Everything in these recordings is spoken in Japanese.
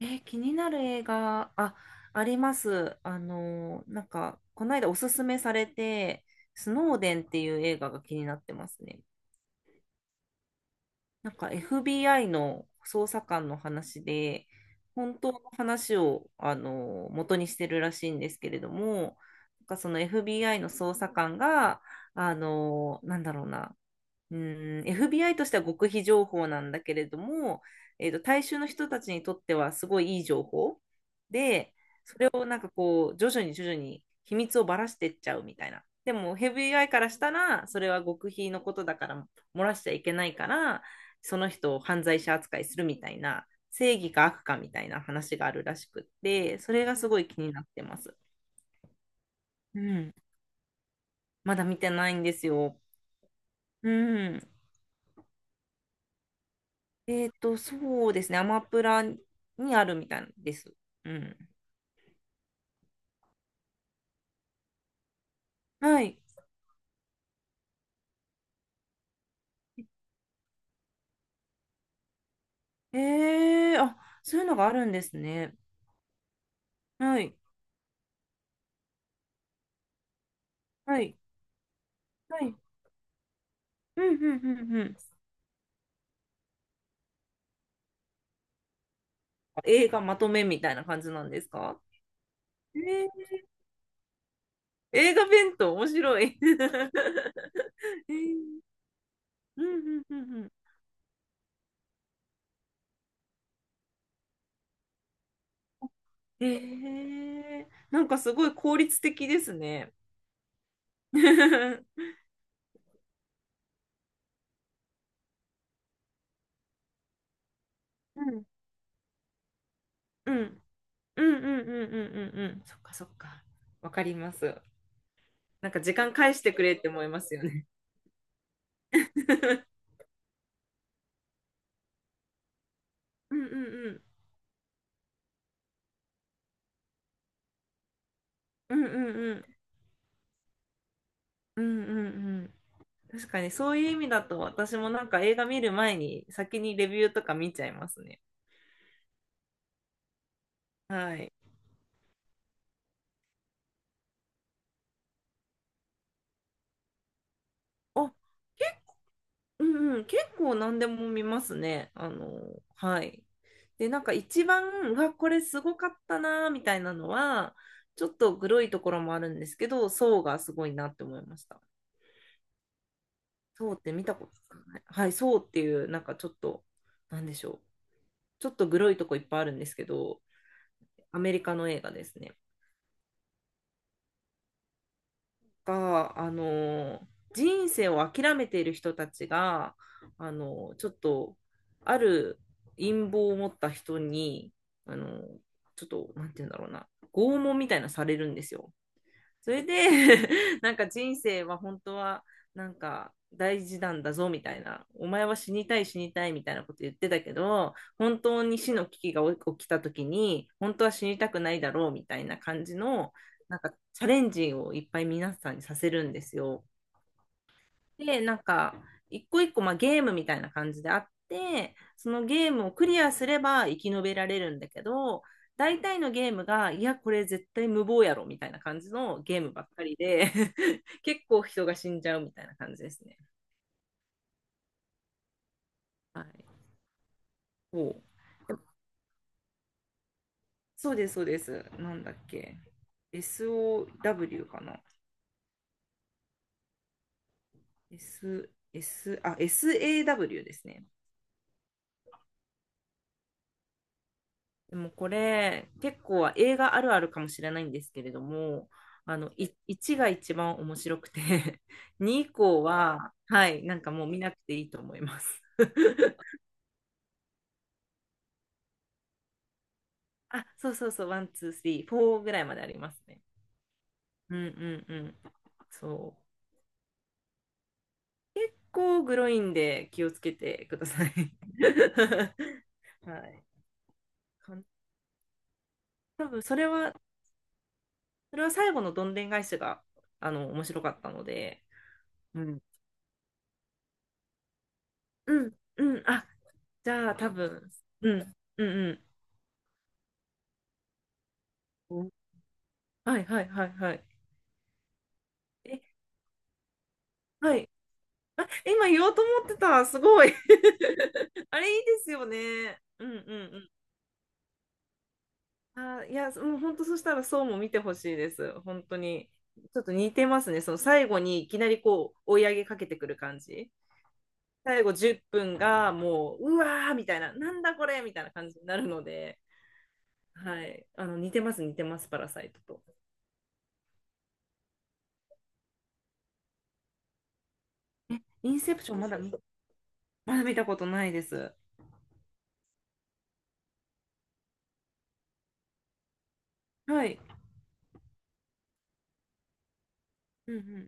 気になる映画、あ、あります。この間おすすめされて、スノーデンっていう映画が気になってますね。なんか FBI の捜査官の話で、本当の話を、元にしてるらしいんですけれども、なんかその FBI の捜査官が、あの、なんだろうな、うん、FBI としては極秘情報なんだけれども、大衆の人たちにとってはすごいいい情報。で、をなんかこう徐々に徐々に秘密をばらしてっちゃうみたいな。でもヘビーアイからしたらそれは極秘のことだから漏らしちゃいけないから、その人を犯罪者扱いするみたいな、正義か悪かみたいな話があるらしくって、それがすごい気になってます。うん、まだ見てないんですよ。うん、そうですね、アマプラにあるみたいです。うん、はい。えー、あ、そういうのがあるんですね。はい。はい。はい。うんうんうんうん。映画まとめみたいな感じなんですか？えー、映画弁当面白い。えー、うんうんうんうん。えー、なんかすごい効率的ですね。うんうんうんうんうんうんうんうん。そっかそっか。わかります。なんか時間返してくれって思いますよね。うんうんうんうんうんうんうんうんうん、確かにそういう意味だと、私もなんか映画見る前に先にレビューとか見ちゃいますね。はい。あ、け、うんうん、結構何でも見ますね。はい。で、なんか一番、うわ、これすごかったな、みたいなのは、ちょっとグロいところもあるんですけど、ソーがすごいなって思いました。ソーって見たことない。はい、ソーっていう、なんかちょっと、なんでしょう。ちょっとグロいとこいっぱいあるんですけど、アメリカの映画ですね。か、あの、人生を諦めている人たちが、ちょっと、ある陰謀を持った人に、あの、ちょっと、なんて言うんだろうな、拷問みたいなされるんですよ。それで なんか人生は本当はなんか大事なんだぞみたいな、お前は死にたい死にたいみたいなこと言ってたけど、本当に死の危機が起きた時に、本当は死にたくないだろうみたいな感じの、なんかチャレンジをいっぱい皆さんにさせるんですよ。で、なんか、一個一個、まあ、ゲームみたいな感じであって、そのゲームをクリアすれば生き延びられるんだけど、大体のゲームが、いや、これ絶対無謀やろみたいな感じのゲームばっかりで 結構人が死んじゃうみたいな感じですね。はい。そう。そうです、そうです。なんだっけ。SOW かな。S、S、あ、SAW ですね。でもこれ結構映画あるあるかもしれないんですけれども、あのい1が一番面白くて 2以降 は、はい、なんかもう見なくていいと思います。あ、そうそうそう、1、2、3、4ぐらいまでありますね。うんうんうん。そう。こうグロいんで気をつけてください。はい。かん多分それは、それは最後のどんでん返しが面白かったので、うん。うん、うん、あ、じゃあ多分、うん、うんうん。うん、はいはいはいはい。え、はい。あ、今言おうと思ってた。すごい。あれいいですよね。うんうんうん。あ、いや、もう本当そしたらそうも見てほしいです。本当に。ちょっと似てますね。その最後にいきなりこう追い上げかけてくる感じ。最後10分がもう、うわーみたいな、なんだこれみたいな感じになるので、はい。似てます、似てます、パラサイトと。え、インセプションまだ見たことないです。はい。うんうん。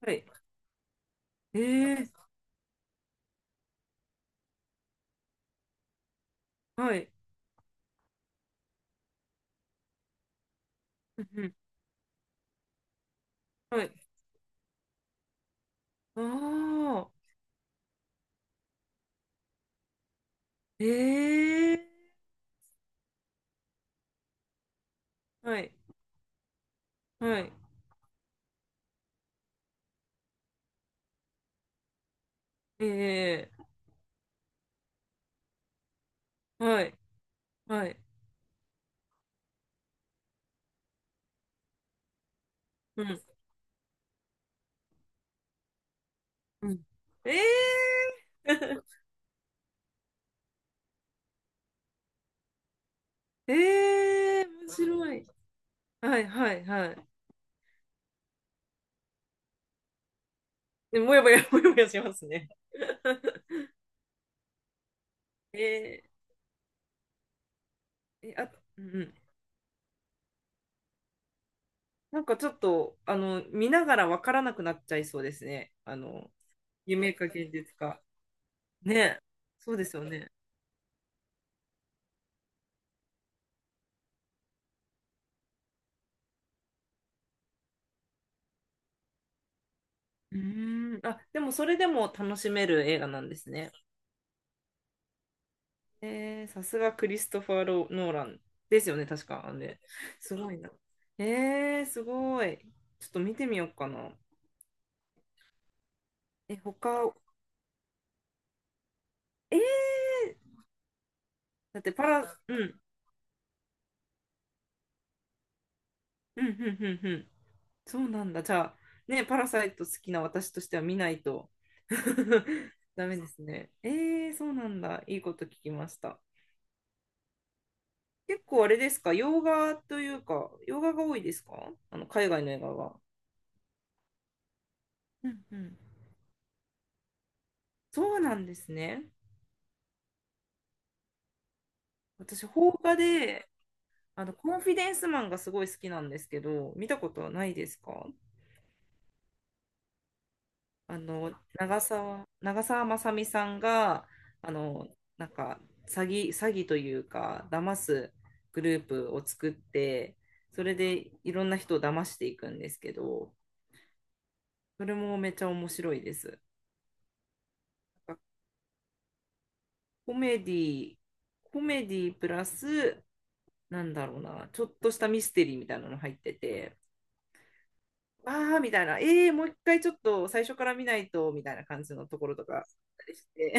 はい。ええ、はい。うんうん。はい。ああ。ええ、はい。はい。ええ、はい。はい。うん。うん。ええ。 ええ、面白い。はい、はい、はい。で、もやもやしますね。えー、え、あ、うんうん。なんかちょっと、見ながらわからなくなっちゃいそうですね。夢か現実か。ね、そうですよね。うーん、あ、でもそれでも楽しめる映画なんですね。えー、さすがクリストファー・ロノーランですよね、確か。あ、ね、すごいな。えー、すごい。ちょっと見てみようかな。え、えー、だってうん、うん、うん、うん、うん。そうなんだ。じゃあ、ね、パラサイト好きな私としては見ないと ダメですね。えー、そうなんだ。いいこと聞きました。結構あれですか、洋画というか、洋画が多いですか、あの海外の映画が。うんうん。そうなんですね。私、邦画で、コンフィデンスマンがすごい好きなんですけど、見たことはないですか？長澤まさみさんが、あの、なんか、詐欺、詐欺というか、騙すグループを作って、それでいろんな人を騙していくんですけど、それもめっちゃ面白いです。コメディ、コメディプラス、なんだろうな、ちょっとしたミステリーみたいなの入ってて、あーみたいな、えー、もう一回ちょっと最初から見ないと、みたいな感じのところとかあったりして、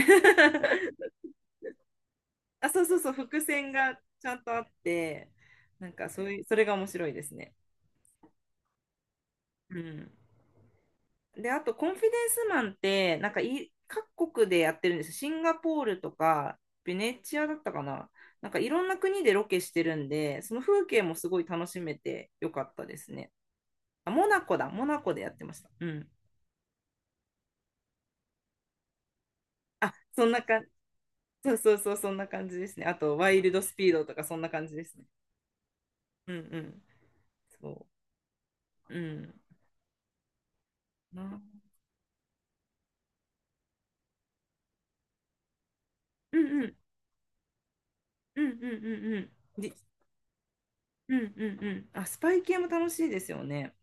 あ、そうそうそう、伏線がちゃんとあって、なんかそういう、それが面白いですね。うん。で、あと、コンフィデンスマンって、なんかい、各国でやってるんです。シンガポールとか、ベネチアだったかな。なんか、いろんな国でロケしてるんで、その風景もすごい楽しめてよかったですね。あ、モナコだ。モナコでやってました。うん。あ、そんな感じ。そうそうそう、そんな感じですね。あと、ワイルドスピードとか、そんな感じですね。うんうん。そう。うん。なうんうん。うんうんうんうん。で、うんうんうん。あ、スパイ系も楽しいですよね。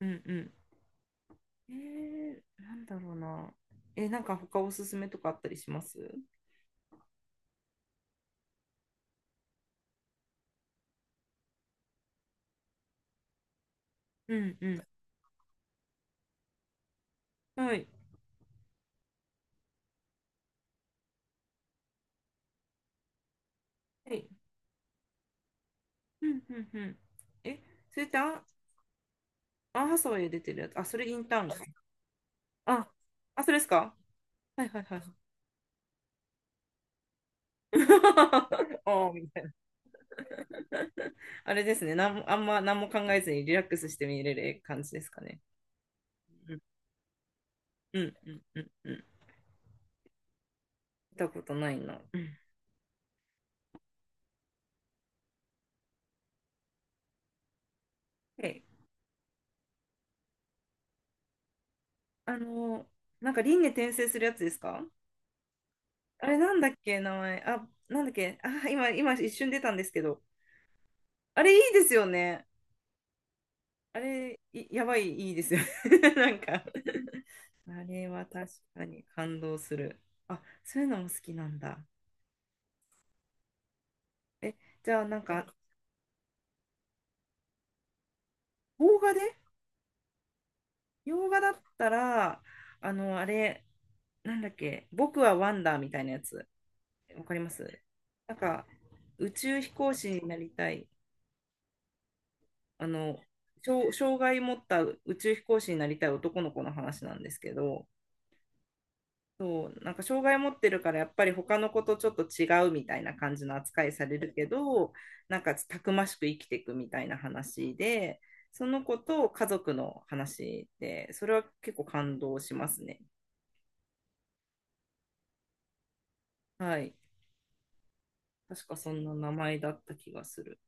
うんうん、えー、なんだろうな。え、なんか他おすすめとかあったりします？うんうん。はい。はい。うんうんうん。え、それってアンハサウェイ出てるやつ。あ、それインターンか。あ、あ、それですか？はいはいはい おーみたいな。あれですね。なんも、あんま何も考えずにリラックスして見れる感じですかね。うんうんうんうんうん。見たことないな。うん。え、あのなんか輪廻転生するやつですか？あれなんだっけ、名前。あ、なんだっけ。あ、今一瞬出たんですけど。あれいいですよね。あれ、いやばい、いいですよね。なんかあれは確かに感動する。あ、そういうのも好きなんだ。え、じゃあなんか、邦画で。洋画だったら、あれ、なんだっけ、僕はワンダーみたいなやつ、わかります？なんか、宇宙飛行士になりたい。あの障害持った宇宙飛行士になりたい男の子の話なんですけど、そう、なんか障害持ってるからやっぱり他の子とちょっと違うみたいな感じの扱いされるけど、なんかたくましく生きていくみたいな話で、その子と家族の話で、それは結構感動しますね。はい、確かそんな名前だった気がする。